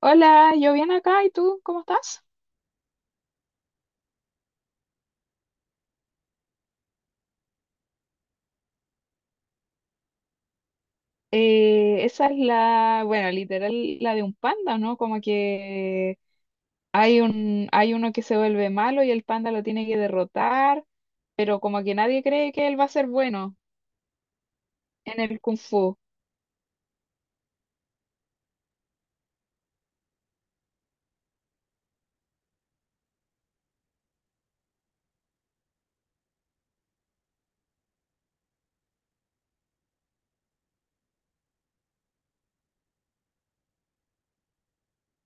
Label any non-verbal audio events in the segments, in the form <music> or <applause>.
Hola, yo bien acá, ¿y tú cómo estás? Esa es bueno, literal, la de un panda, ¿no? Como que hay uno que se vuelve malo y el panda lo tiene que derrotar, pero como que nadie cree que él va a ser bueno en el Kung Fu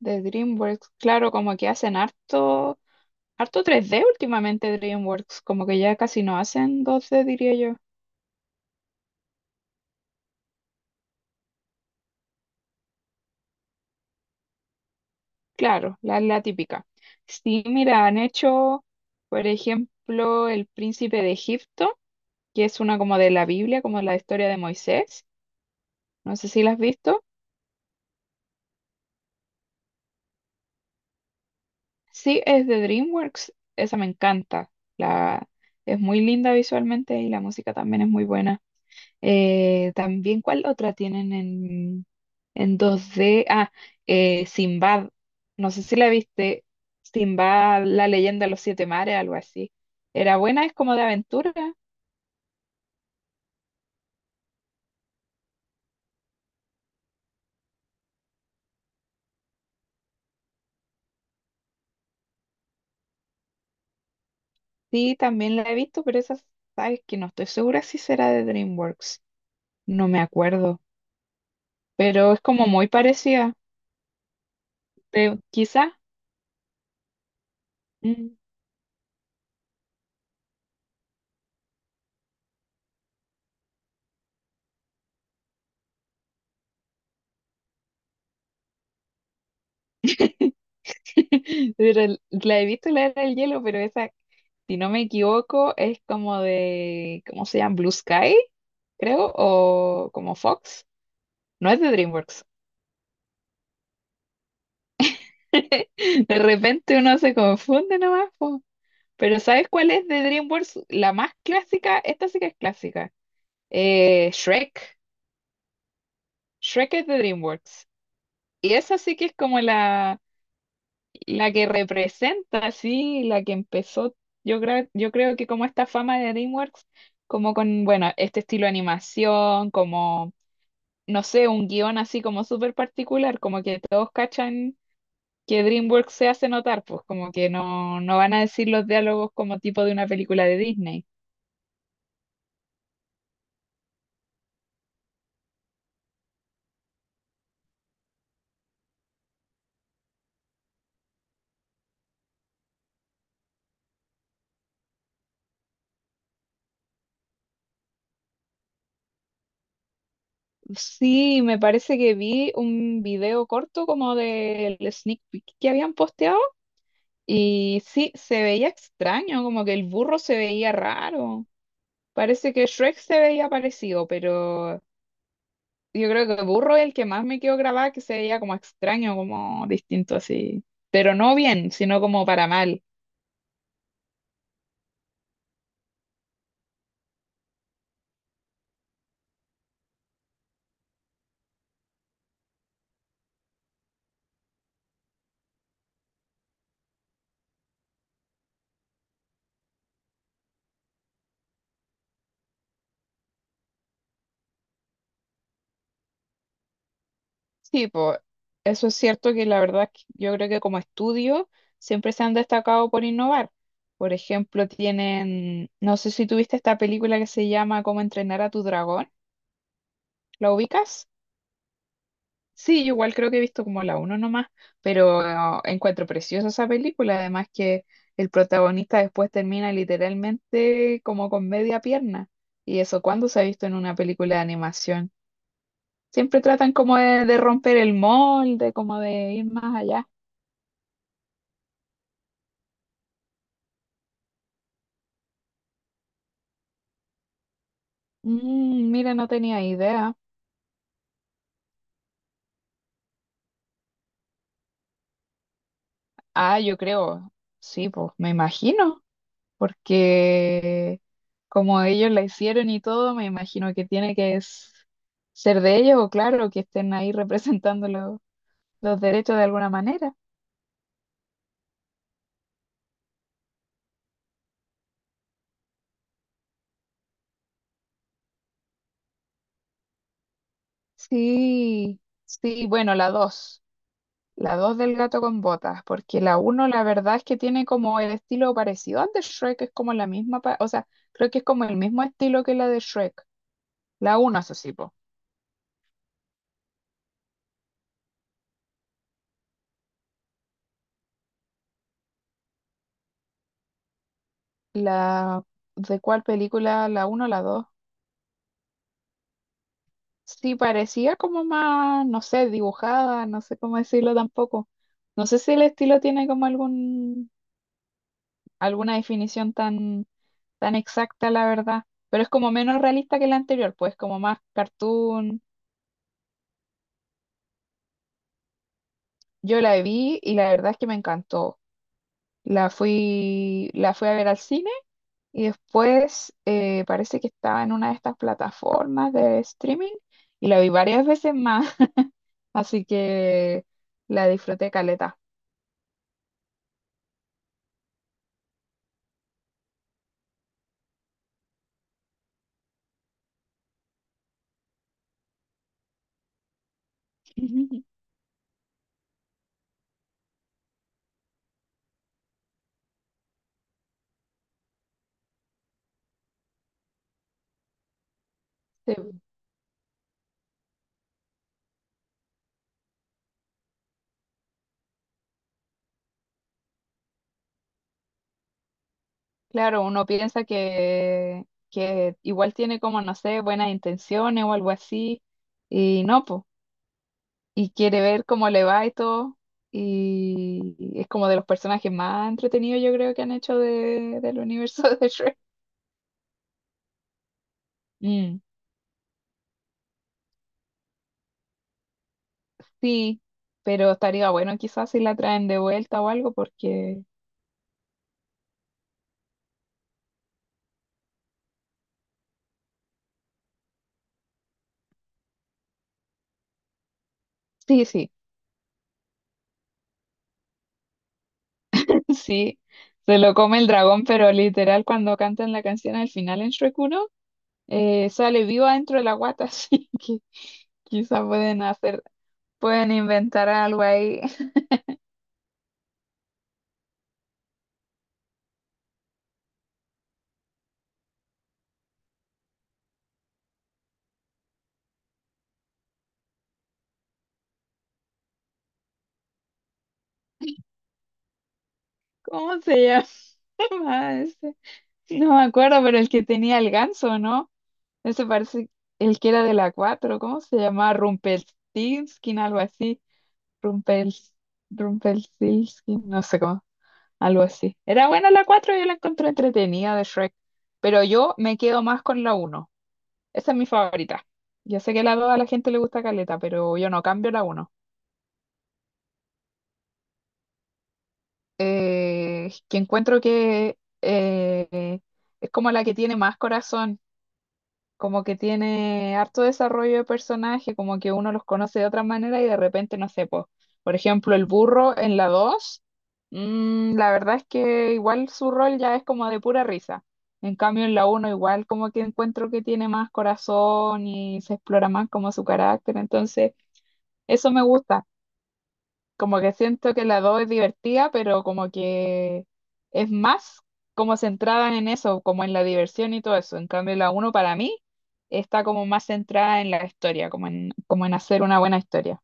de DreamWorks. Claro, como que hacen harto, harto 3D últimamente DreamWorks, como que ya casi no hacen 2D, diría yo. Claro, la típica. Sí, mira, han hecho, por ejemplo, El Príncipe de Egipto, que es una como de la Biblia, como la historia de Moisés. No sé si la has visto. Sí, es de DreamWorks. Esa me encanta. La, es muy linda visualmente y la música también es muy buena. También, ¿cuál otra tienen en 2D? Ah, Sinbad. No sé si la viste. Sinbad, la leyenda de los siete mares, algo así. Era buena, es como de aventura. Sí, también la he visto, pero esa, sabes que no estoy segura si será de DreamWorks. No me acuerdo. Pero es como muy parecida. Quizá, mm, <laughs> pero la he visto la era del hielo, pero esa, si no me equivoco, es como de, ¿cómo se llama? Blue Sky, creo, o como Fox. No es de DreamWorks. <laughs> De repente uno se confunde nomás, po. Pero ¿sabes cuál es de DreamWorks? La más clásica, esta sí que es clásica. Shrek. Shrek es de DreamWorks. Y esa sí que es como la que representa, sí, la que empezó, yo creo que como esta fama de DreamWorks, como con, bueno, este estilo de animación, como, no sé, un guión así como súper particular, como que todos cachan que DreamWorks se hace notar, pues como que no, no van a decir los diálogos como tipo de una película de Disney. Sí, me parece que vi un video corto como del sneak peek que habían posteado y sí, se veía extraño, como que el burro se veía raro. Parece que Shrek se veía parecido, pero yo creo que Burro es el que más me quedó grabado, que se veía como extraño, como distinto así. Pero no bien, sino como para mal. Sí, pues eso es cierto que la verdad que yo creo que como estudio siempre se han destacado por innovar. Por ejemplo, tienen, no sé si tuviste esta película que se llama Cómo entrenar a tu dragón. ¿La ubicas? Sí, yo igual creo que he visto como la uno nomás, pero encuentro preciosa esa película, además que el protagonista después termina literalmente como con media pierna. ¿Y eso, cuando se ha visto en una película de animación? Siempre tratan como de romper el molde, como de ir más allá. Mira, no tenía idea. Ah, yo creo, sí, pues me imagino. Porque como ellos la hicieron y todo, me imagino que tiene que ser de ellos o claro, que estén ahí <laughs> representando los derechos de alguna manera. Sí, sí, bueno, la dos del gato con botas, porque la uno la verdad es que tiene como el estilo parecido al de Shrek, es como la misma, o sea, creo que es como el mismo estilo que la de Shrek, la uno, eso sí, po. La, ¿de cuál película? La uno, o la dos. Sí, parecía como más, no sé, dibujada, no sé cómo decirlo tampoco. No sé si el estilo tiene como algún, alguna definición tan, tan exacta, la verdad, pero es como menos realista que la anterior, pues como más cartoon. Yo la vi y la verdad es que me encantó. La fui a ver al cine y después parece que estaba en una de estas plataformas de streaming y la vi varias veces más, <laughs> así que la disfruté caleta. <laughs> Sí. Claro, uno piensa que igual tiene como, no sé, buenas intenciones o algo así, y no, pues, y quiere ver cómo le va y todo, y es como de los personajes más entretenidos yo creo que han hecho del universo <laughs> de Shrek. Mm, sí, pero estaría bueno quizás si la traen de vuelta o algo, porque sí, sí, <laughs> sí, se lo come el dragón, pero literal cuando cantan la canción al final en Shrek uno. Sale viva dentro de la guata, <laughs> así que quizá pueden inventar algo ahí. <laughs> ¿Cómo se llama ese? No me acuerdo, pero el que tenía el ganso, ¿no? Ese parece el que era de la 4. ¿Cómo se llamaba? Rumpelstiltskin, algo así. Rumpels, Rumpelstiltskin, no sé cómo, algo así. Era buena la 4, yo la encontré entretenida de Shrek, pero yo me quedo más con la uno. Esa es mi favorita. Yo sé que la 2 a la gente le gusta caleta, pero yo no cambio la uno. Que encuentro que es como la que tiene más corazón, como que tiene harto desarrollo de personaje, como que uno los conoce de otra manera y de repente, no sé, po, por ejemplo, el burro en la 2 la verdad es que igual su rol ya es como de pura risa. En cambio, en la uno igual como que encuentro que tiene más corazón y se explora más como su carácter, entonces... Eso me gusta. Como que siento que la 2 es divertida, pero como que es más como centrada en eso, como en la diversión y todo eso. En cambio, la uno para mí está como más centrada en la historia, como en, como en hacer una buena historia.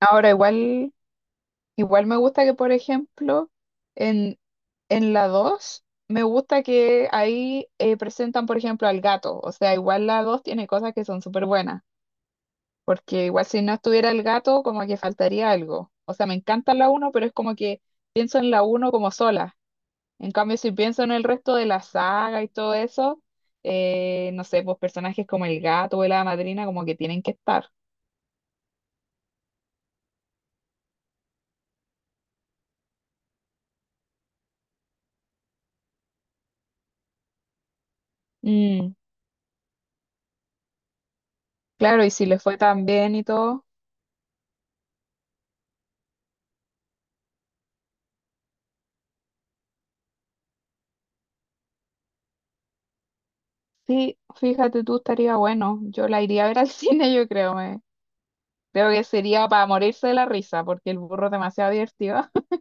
Ahora, igual me gusta que, por ejemplo, en, en, la 2 me gusta que ahí presentan, por ejemplo, al gato. O sea, igual la 2 tiene cosas que son súper buenas. Porque igual si no estuviera el gato, como que faltaría algo. O sea, me encanta la uno pero es como que pienso en la uno como sola. En cambio, si pienso en el resto de la saga y todo eso, no sé, pues personajes como el gato o la madrina como que tienen que estar. Mm, claro, y si le fue tan bien y todo. Sí, fíjate tú, estaría bueno. Yo la iría a ver al <laughs> cine, yo creo. Me. Creo que sería para morirse de la risa, porque el burro es demasiado divertido. <laughs>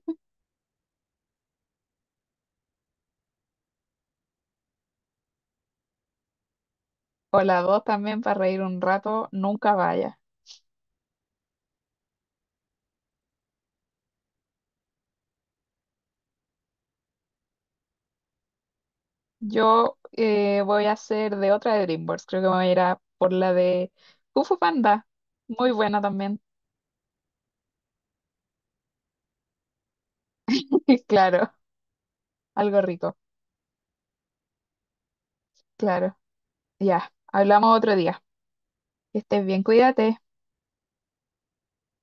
O las dos también para reír un rato, nunca vaya. Yo voy a hacer de otra de DreamWorks, creo que me voy a ir a por la de Kung Fu Panda, muy buena también, <laughs> claro, algo rico, claro, ya, hablamos otro día, que estés bien, cuídate.